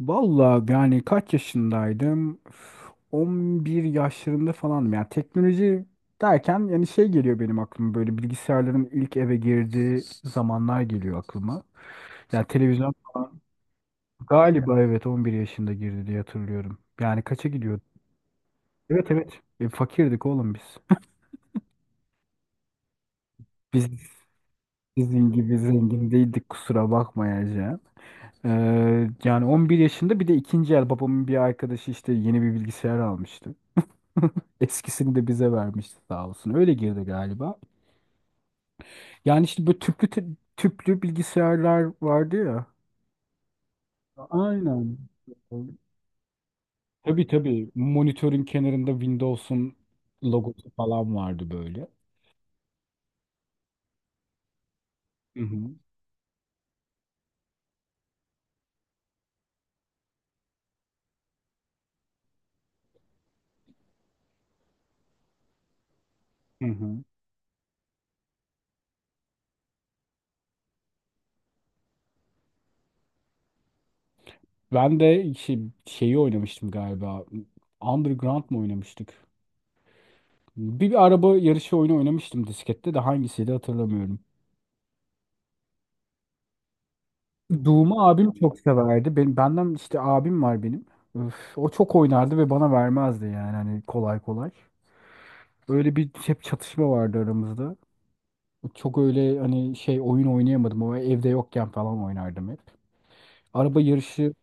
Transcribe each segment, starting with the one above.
Vallahi yani kaç yaşındaydım? Üf, 11 yaşlarında falanım. Yani teknoloji derken yani şey geliyor benim aklıma, böyle bilgisayarların ilk eve girdiği zamanlar geliyor aklıma. Yani televizyon galiba, evet, 11 yaşında girdi diye hatırlıyorum. Yani kaça gidiyordu? Evet, evet. E, fakirdik oğlum biz. Biz sizin gibi zengin değildik, kusura bakmayacağım. Yani 11 yaşında, bir de ikinci el, babamın bir arkadaşı işte yeni bir bilgisayar almıştı. Eskisini de bize vermişti sağ olsun. Öyle girdi galiba. Yani işte böyle tüplü bilgisayarlar vardı ya. Aynen. Tabii, tabii. Monitörün kenarında Windows'un logosu falan vardı böyle. Hı hı. Hı hı. Ben de şeyi oynamıştım galiba. Underground mı oynamıştık? Bir araba yarışı oyunu oynamıştım diskette de, hangisiydi hatırlamıyorum. Doom'u abim çok severdi. Benden işte abim var benim. Öf, o çok oynardı ve bana vermezdi, yani hani, kolay kolay. Öyle bir hep çatışma vardı aramızda. Çok öyle hani şey oyun oynayamadım ama evde yokken falan oynardım hep. Araba yarışı.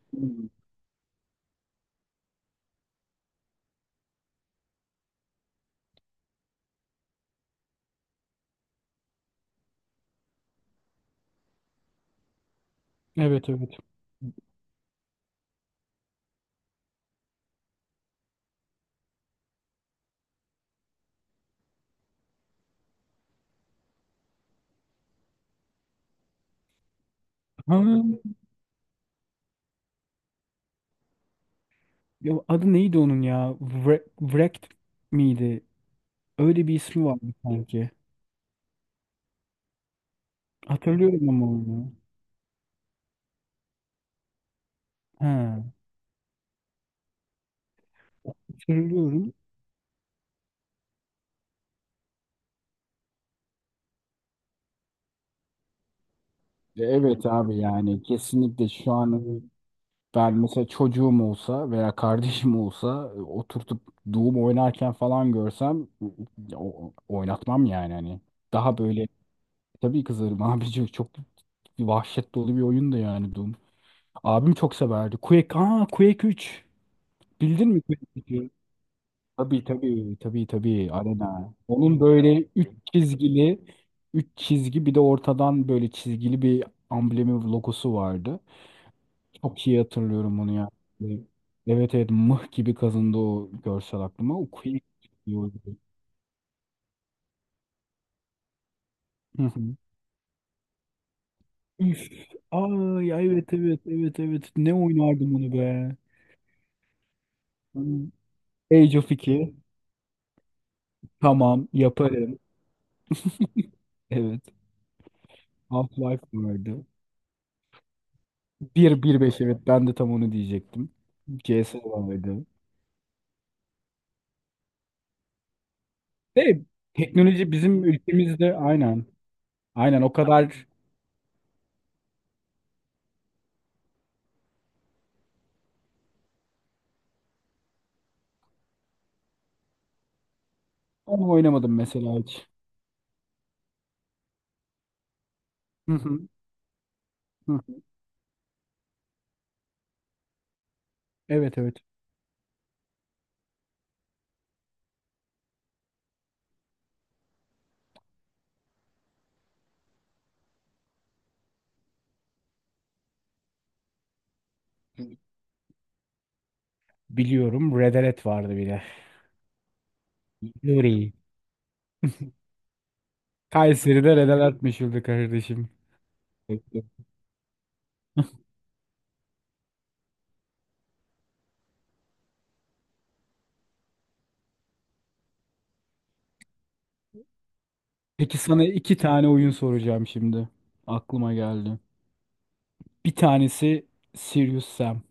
Evet, evet. Ha, ya adı neydi onun ya? Wrecked miydi? Öyle bir ismi vardı sanki. Hatırlıyorum ama onu. Ha, hatırlıyorum. Evet abi, yani kesinlikle şu an. Ben mesela çocuğum olsa veya kardeşim olsa, oturtup Doom oynarken falan görsem, oynatmam yani hani. Daha böyle, tabii kızarım. Abici çok bir vahşet dolu bir oyun da yani Doom. Abim çok severdi. Quake, Quake 3. Bildin mi Quake 3'ü? Tabii, tabii, tabii, tabii, Arena. Onun böyle üç çizgili, üç çizgi bir de ortadan böyle çizgili bir amblemi, logosu vardı. Çok iyi hatırlıyorum onu ya. Ee, Evet, evet, mıh gibi kazındı o görsel aklıma. O Quake diyordu. Hı hı. Üf. Ay evet, evet, evet, evet. Ne oynardım onu be. Hı. Age of 2. Tamam, yaparım. Evet. Half-Life vardı. 1 1.5, evet, ben de tam onu diyecektim. CS vardı. Ve teknoloji bizim ülkemizde, aynen. Aynen, o kadar onu oynamadım mesela hiç. Hı hı. Hı. Hı. Evet, evet. Biliyorum, Red Alert vardı bir de. Nuri. Kayseri'de Red Alert meşhurdu kardeşim. Peki. Peki, sana iki tane oyun soracağım şimdi. Aklıma geldi. Bir tanesi Serious Sam.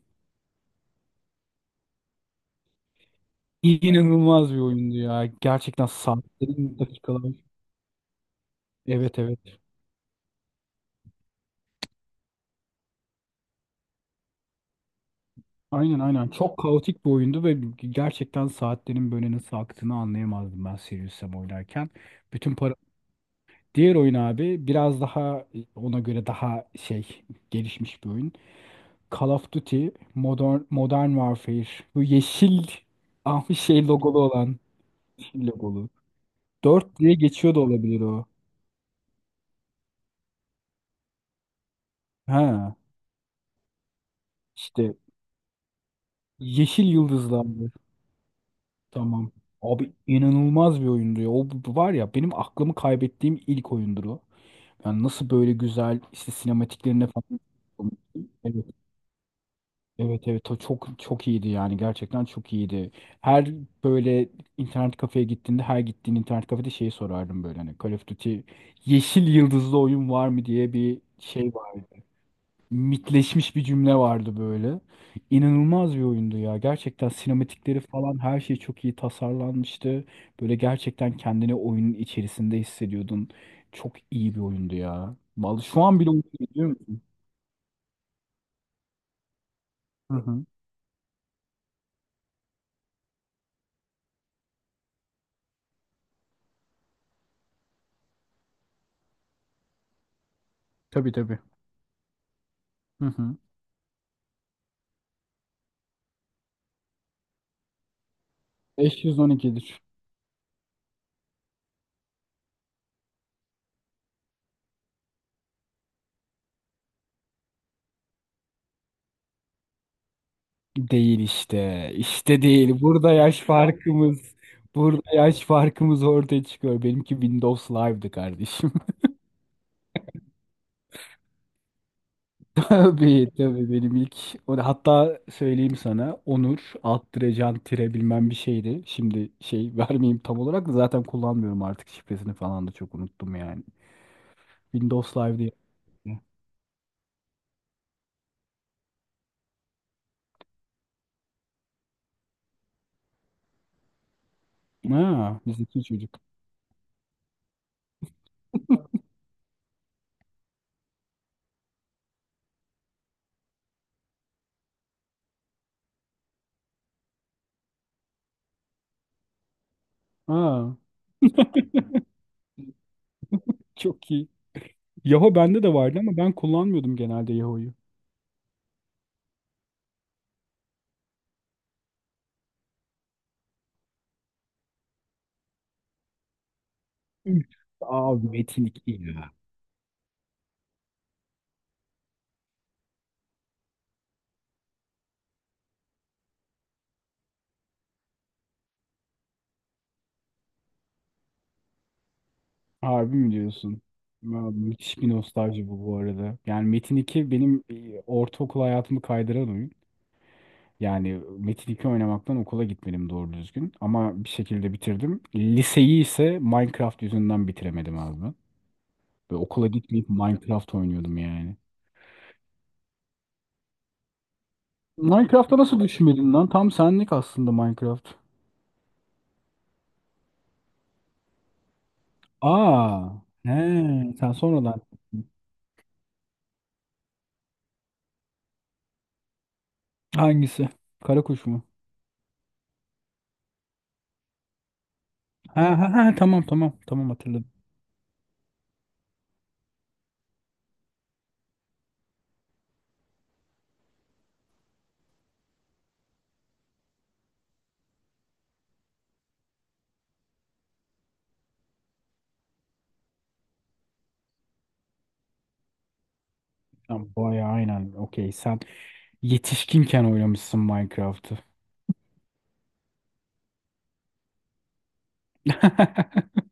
İnanılmaz bir oyundu ya. Gerçekten saatlerin, dakikalar. Evet, evet. Aynen, aynen. Çok kaotik bir oyundu ve gerçekten saatlerin böyle nasıl aktığını anlayamazdım ben Serious Sam oynarken. Bütün para... Diğer oyun abi biraz daha ona göre daha şey, gelişmiş bir oyun. Call of Duty Modern Warfare. Bu yeşil ah, bir şey logolu olan, yeşil logolu. 4 diye geçiyor da olabilir o. Ha, işte yeşil yıldızlandı. Tamam. Abi, inanılmaz bir oyundu ya. O var ya, benim aklımı kaybettiğim ilk oyundur o. Yani nasıl böyle güzel, işte sinematiklerine falan. Evet. Evet, evet, o çok çok iyiydi, yani gerçekten çok iyiydi. Her böyle internet kafeye gittiğinde, her gittiğin internet kafede şeyi sorardım böyle, hani Call of Duty yeşil yıldızlı oyun var mı diye, bir şey vardı. Mitleşmiş bir cümle vardı böyle. İnanılmaz bir oyundu ya. Gerçekten sinematikleri falan her şey çok iyi tasarlanmıştı. Böyle gerçekten kendini oyunun içerisinde hissediyordun. Çok iyi bir oyundu ya. Vallahi şu an bile oynuyorum, biliyor musun? Hı hı. Tabii, tabii. Hı hı. 512'dir. Değil işte. İşte değil. Burada yaş farkımız. Burada yaş farkımız ortaya çıkıyor. Benimki Windows Live'dı kardeşim. Tabii, tabii, benim ilk. O da, hatta söyleyeyim sana, onur alt tire can tire bilmem bir şeydi. Şimdi şey, vermeyeyim tam olarak, da zaten kullanmıyorum artık, şifresini falan da çok unuttum yani. Windows Live diye. Ha, bizdeki çocuk. Ha, çok iyi. Yahoo bende de vardı ama ben kullanmıyordum genelde Yahoo'yu. Üf, abi Metin 2. Harbi mi diyorsun? Ya, müthiş bir nostalji bu, bu arada. Yani Metin 2 benim, e, ortaokul hayatımı kaydıran oyun. Yani Metin 2 oynamaktan okula gitmedim doğru düzgün. Ama bir şekilde bitirdim. Liseyi ise Minecraft yüzünden bitiremedim abi ben. Ve okula gitmeyip Minecraft oynuyordum yani. Minecraft'a nasıl düşünmedin lan? Tam senlik aslında Minecraft. Aa, he, sen sonradan. Hangisi? Kara kuş mu? Ha, ha, ha, tamam, tamam, tamam, hatırladım. Tamam, bayağı aynen. Okey. Sen yetişkinken oynamışsın Minecraft'ı.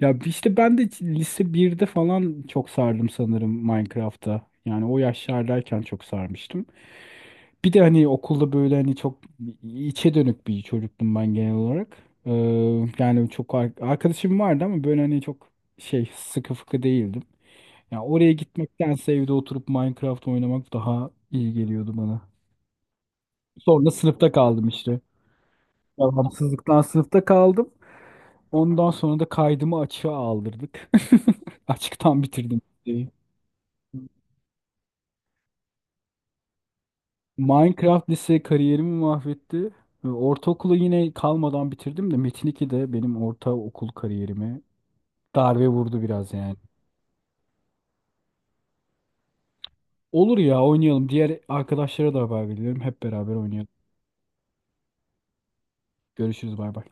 Ya işte ben de lise birde falan çok sardım sanırım Minecraft'a. Yani o yaşlardayken çok sarmıştım. Bir de hani okulda böyle hani çok içe dönük bir çocuktum ben genel olarak. Ee, Yani çok arkadaşım vardı ama böyle hani çok şey, sıkı fıkı değildim. Ya oraya gitmektense evde oturup Minecraft oynamak daha iyi geliyordu bana. Sonra sınıfta kaldım işte. Devamsızlıktan sınıfta kaldım. Ondan sonra da kaydımı açığa aldırdık. Açıktan bitirdim liseyi. Minecraft lise kariyerimi mahvetti. Ve ortaokulu yine kalmadan bitirdim de, Metin 2 de benim ortaokul kariyerime darbe vurdu biraz yani. Olur ya, oynayalım. Diğer arkadaşlara da haber veriyorum. Hep beraber oynayalım. Görüşürüz, bay bay.